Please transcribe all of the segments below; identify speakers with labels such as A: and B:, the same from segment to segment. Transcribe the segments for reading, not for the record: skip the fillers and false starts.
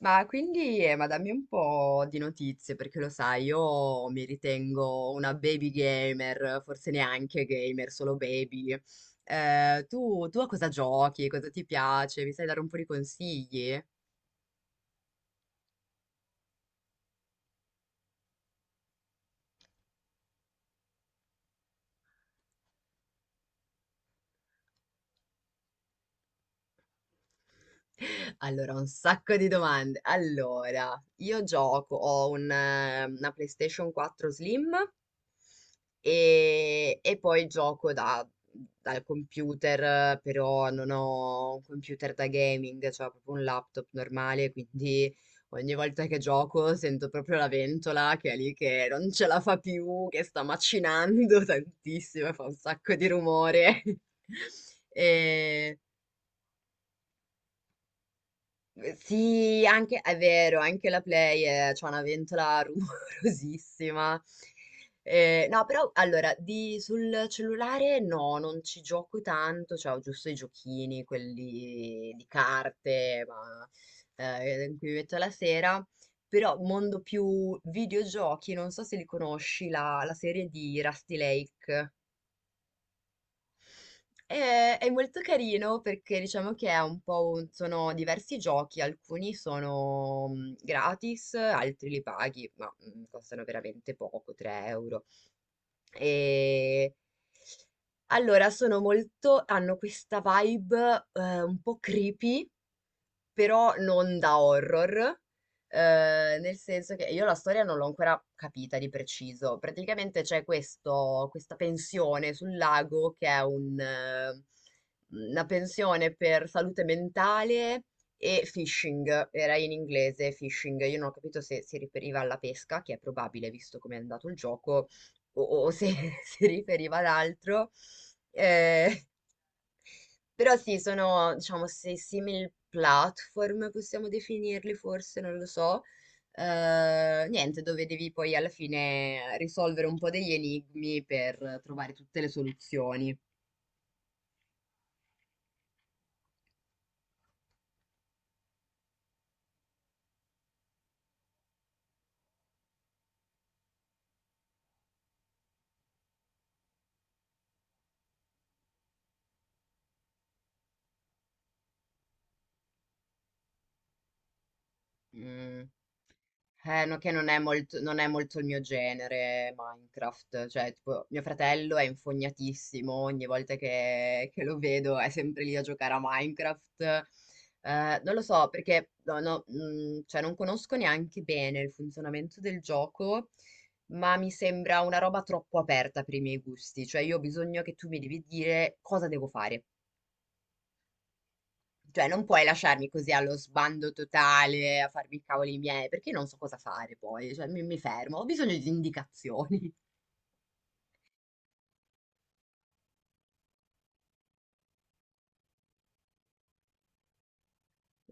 A: Ma quindi, dammi un po' di notizie, perché lo sai, io mi ritengo una baby gamer, forse neanche gamer, solo baby. Tu a cosa giochi? Cosa ti piace? Mi sai dare un po' di consigli? Allora, un sacco di domande. Allora, io gioco, ho una PlayStation 4 Slim. E poi gioco dal computer, però non ho un computer da gaming, cioè ho proprio un laptop normale, quindi ogni volta che gioco sento proprio la ventola che è lì che non ce la fa più, che sta macinando tantissimo, e fa un sacco di rumore. E sì, anche, è vero, anche la Play c'ha una ventola rumorosissima. No, però allora, sul cellulare no, non ci gioco tanto, cioè ho giusto i giochini, quelli di carte, ma in cui mi metto la sera. Però mondo più videogiochi, non so se li conosci, la serie di Rusty Lake. È molto carino perché diciamo che è un po' sono diversi giochi, alcuni sono gratis, altri li paghi, ma costano veramente poco, 3 euro. E allora sono molto, hanno questa vibe un po' creepy, però non da horror, nel senso che io la storia non l'ho ancora capita di preciso. Praticamente c'è questo, questa pensione sul lago che è una pensione per salute mentale e fishing, era in inglese fishing, io non ho capito se si riferiva alla pesca, che è probabile visto come è andato il gioco, o se si riferiva ad altro. Eh, Però sì, sono, diciamo, se simil platform, possiamo definirli forse, non lo so. Niente, dove devi poi alla fine risolvere un po' degli enigmi per trovare tutte le soluzioni. Mm. No, che non è molto il mio genere Minecraft, cioè tipo mio fratello è infognatissimo, ogni volta che lo vedo è sempre lì a giocare a Minecraft. Non lo so perché no, no, cioè, non conosco neanche bene il funzionamento del gioco, ma mi sembra una roba troppo aperta per i miei gusti, cioè io ho bisogno che tu mi devi dire cosa devo fare. Cioè, non puoi lasciarmi così allo sbando totale, a farmi i cavoli miei, perché non so cosa fare poi, cioè mi fermo, ho bisogno di indicazioni.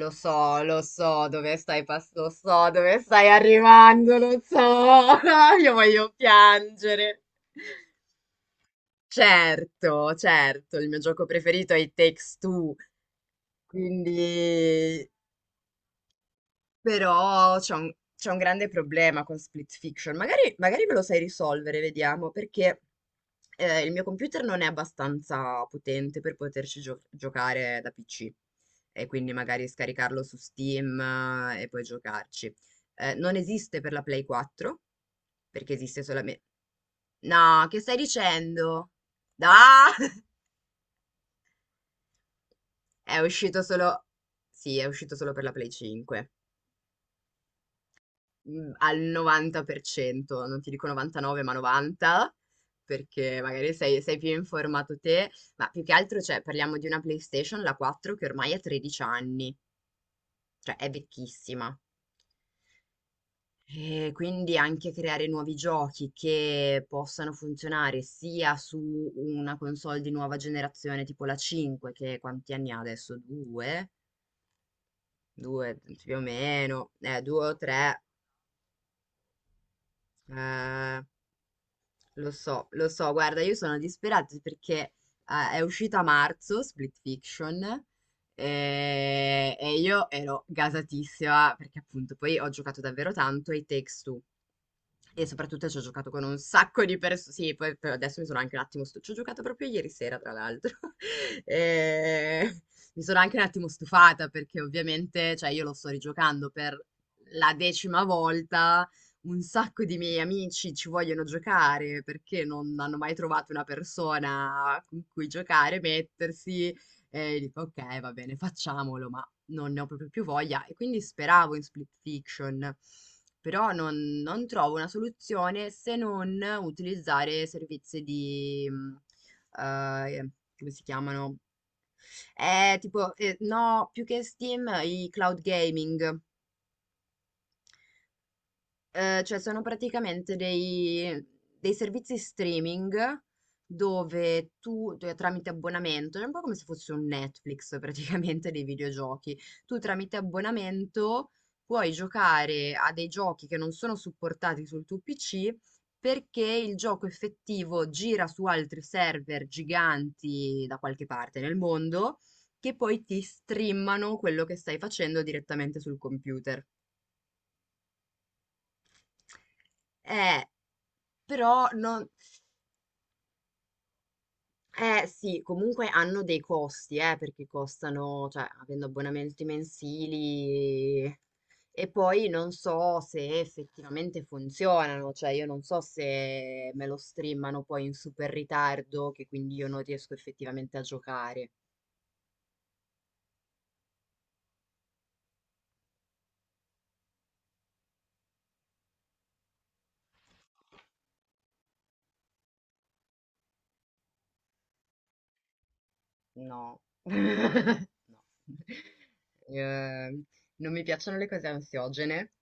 A: Lo so, lo so dove stai arrivando, lo so, io voglio piangere. Certo, certo, il mio gioco preferito è i Takes Two, quindi. Però c'è un grande problema con Split Fiction. Magari, magari ve lo sai risolvere, vediamo, perché il mio computer non è abbastanza potente per poterci giocare da PC. E quindi magari scaricarlo su Steam e poi giocarci. Non esiste per la Play 4, perché esiste solamente. No, che stai dicendo? No! È uscito solo. Sì, è uscito solo per la Play 5. Al 90%, non ti dico 99, ma 90, perché magari sei più informato te, ma più che altro, cioè, parliamo di una PlayStation, la 4, che ormai ha 13 anni, cioè è vecchissima. E quindi anche creare nuovi giochi che possano funzionare sia su una console di nuova generazione tipo la 5, che quanti anni ha adesso? Due? Due più o meno, due o tre. eh, lo so, guarda, io sono disperata perché è uscita a marzo Split Fiction e, io ero gasatissima perché appunto poi ho giocato davvero tanto ai Takes Two e soprattutto ci ho giocato con un sacco di persone. Sì, poi adesso mi sono anche un attimo stu- ci ho giocato proprio ieri sera, tra l'altro. E mi sono anche un attimo stufata perché ovviamente, cioè, io lo sto rigiocando per la decima volta. Un sacco di miei amici ci vogliono giocare perché non hanno mai trovato una persona con cui giocare, mettersi. E dico, ok, va bene, facciamolo, ma non ne ho proprio più voglia e quindi speravo in Split Fiction, però non trovo una soluzione se non utilizzare servizi di, eh, come si chiamano? Tipo, no, più che Steam, i cloud gaming. Cioè sono praticamente dei servizi streaming dove tramite abbonamento, è un po' come se fosse un Netflix praticamente dei videogiochi, tu tramite abbonamento puoi giocare a dei giochi che non sono supportati sul tuo PC perché il gioco effettivo gira su altri server giganti da qualche parte nel mondo che poi ti streamano quello che stai facendo direttamente sul computer. Eh, Però non eh sì, comunque hanno dei costi, perché costano, cioè, avendo abbonamenti mensili e poi non so se effettivamente funzionano, cioè io non so se me lo streamano poi in super ritardo, che quindi io non riesco effettivamente a giocare. No. No. Eh, Non mi piacciono le cose ansiogene.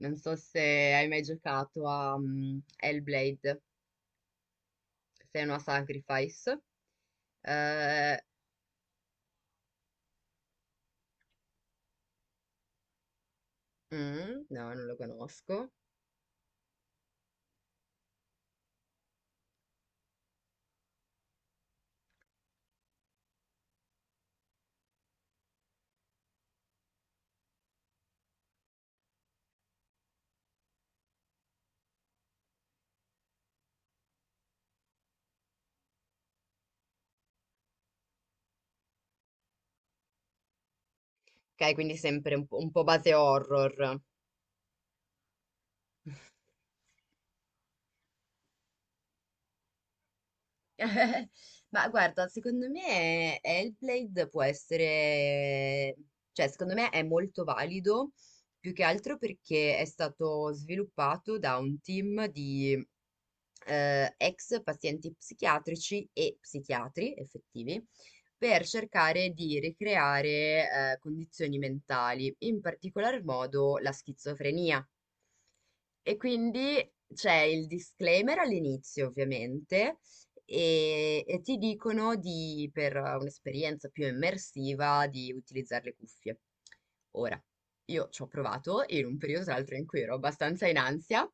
A: Non so se hai mai giocato a Hellblade. Senua Sacrifice. Eh, no, non lo conosco. Ok, quindi sempre un po' base horror. Ma guarda, secondo me Hellblade può essere, cioè secondo me è molto valido, più che altro perché è stato sviluppato da un team di ex pazienti psichiatrici e psichiatri effettivi per cercare di ricreare condizioni mentali, in particolar modo la schizofrenia. E quindi c'è il disclaimer all'inizio, ovviamente, e ti dicono per un'esperienza più immersiva di utilizzare le cuffie. Ora, io ci ho provato in un periodo tra l'altro in cui ero abbastanza in ansia.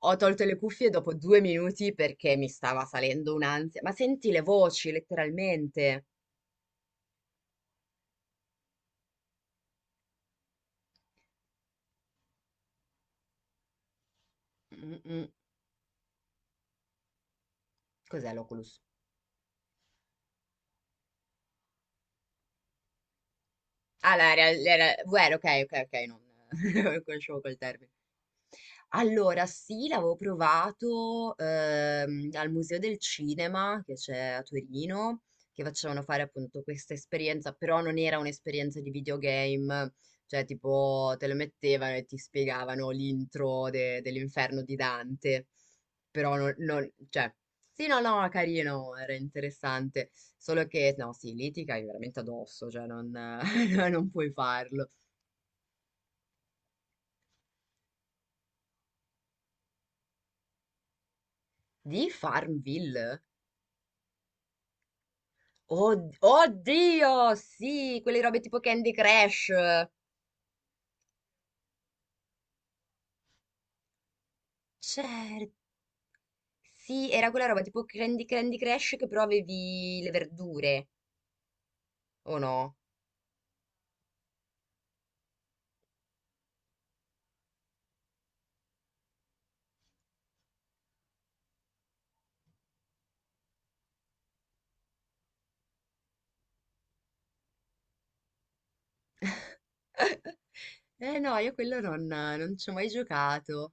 A: Ho tolto le cuffie dopo 2 minuti perché mi stava salendo un'ansia. Ma senti le voci, letteralmente. Mm, mm. Mm. Cos'è l'Oculus? Ah, VR, ok, ok, ok, non, non conoscevo quel termine. Allora sì, l'avevo provato, al Museo del Cinema che c'è a Torino, che facevano fare appunto questa esperienza, però non era un'esperienza di videogame, cioè tipo te lo mettevano e ti spiegavano l'intro dell'Inferno di Dante, però non, non- cioè, sì, no, no, carino, era interessante, solo che, no, sì, lì ti cai veramente addosso, cioè non non puoi farlo. Di Farmville? Oddio, sì, quelle robe tipo Candy Crush. Certo, sì, era quella roba tipo Candy Crush che però avevi le verdure, o no? Eh no, io quello non ci ho mai giocato.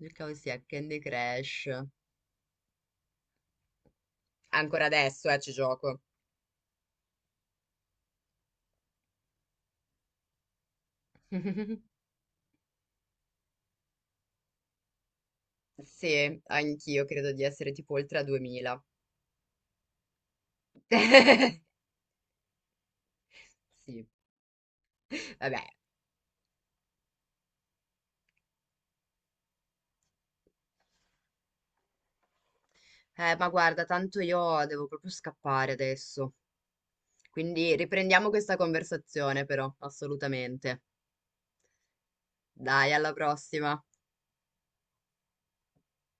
A: Giocavo sì a Candy Crush. Ancora adesso, ci gioco. Sì, anch'io credo di essere tipo oltre a 2000. Sì, vabbè. Ma guarda, tanto io devo proprio scappare adesso. Quindi riprendiamo questa conversazione però, assolutamente. Dai, alla prossima.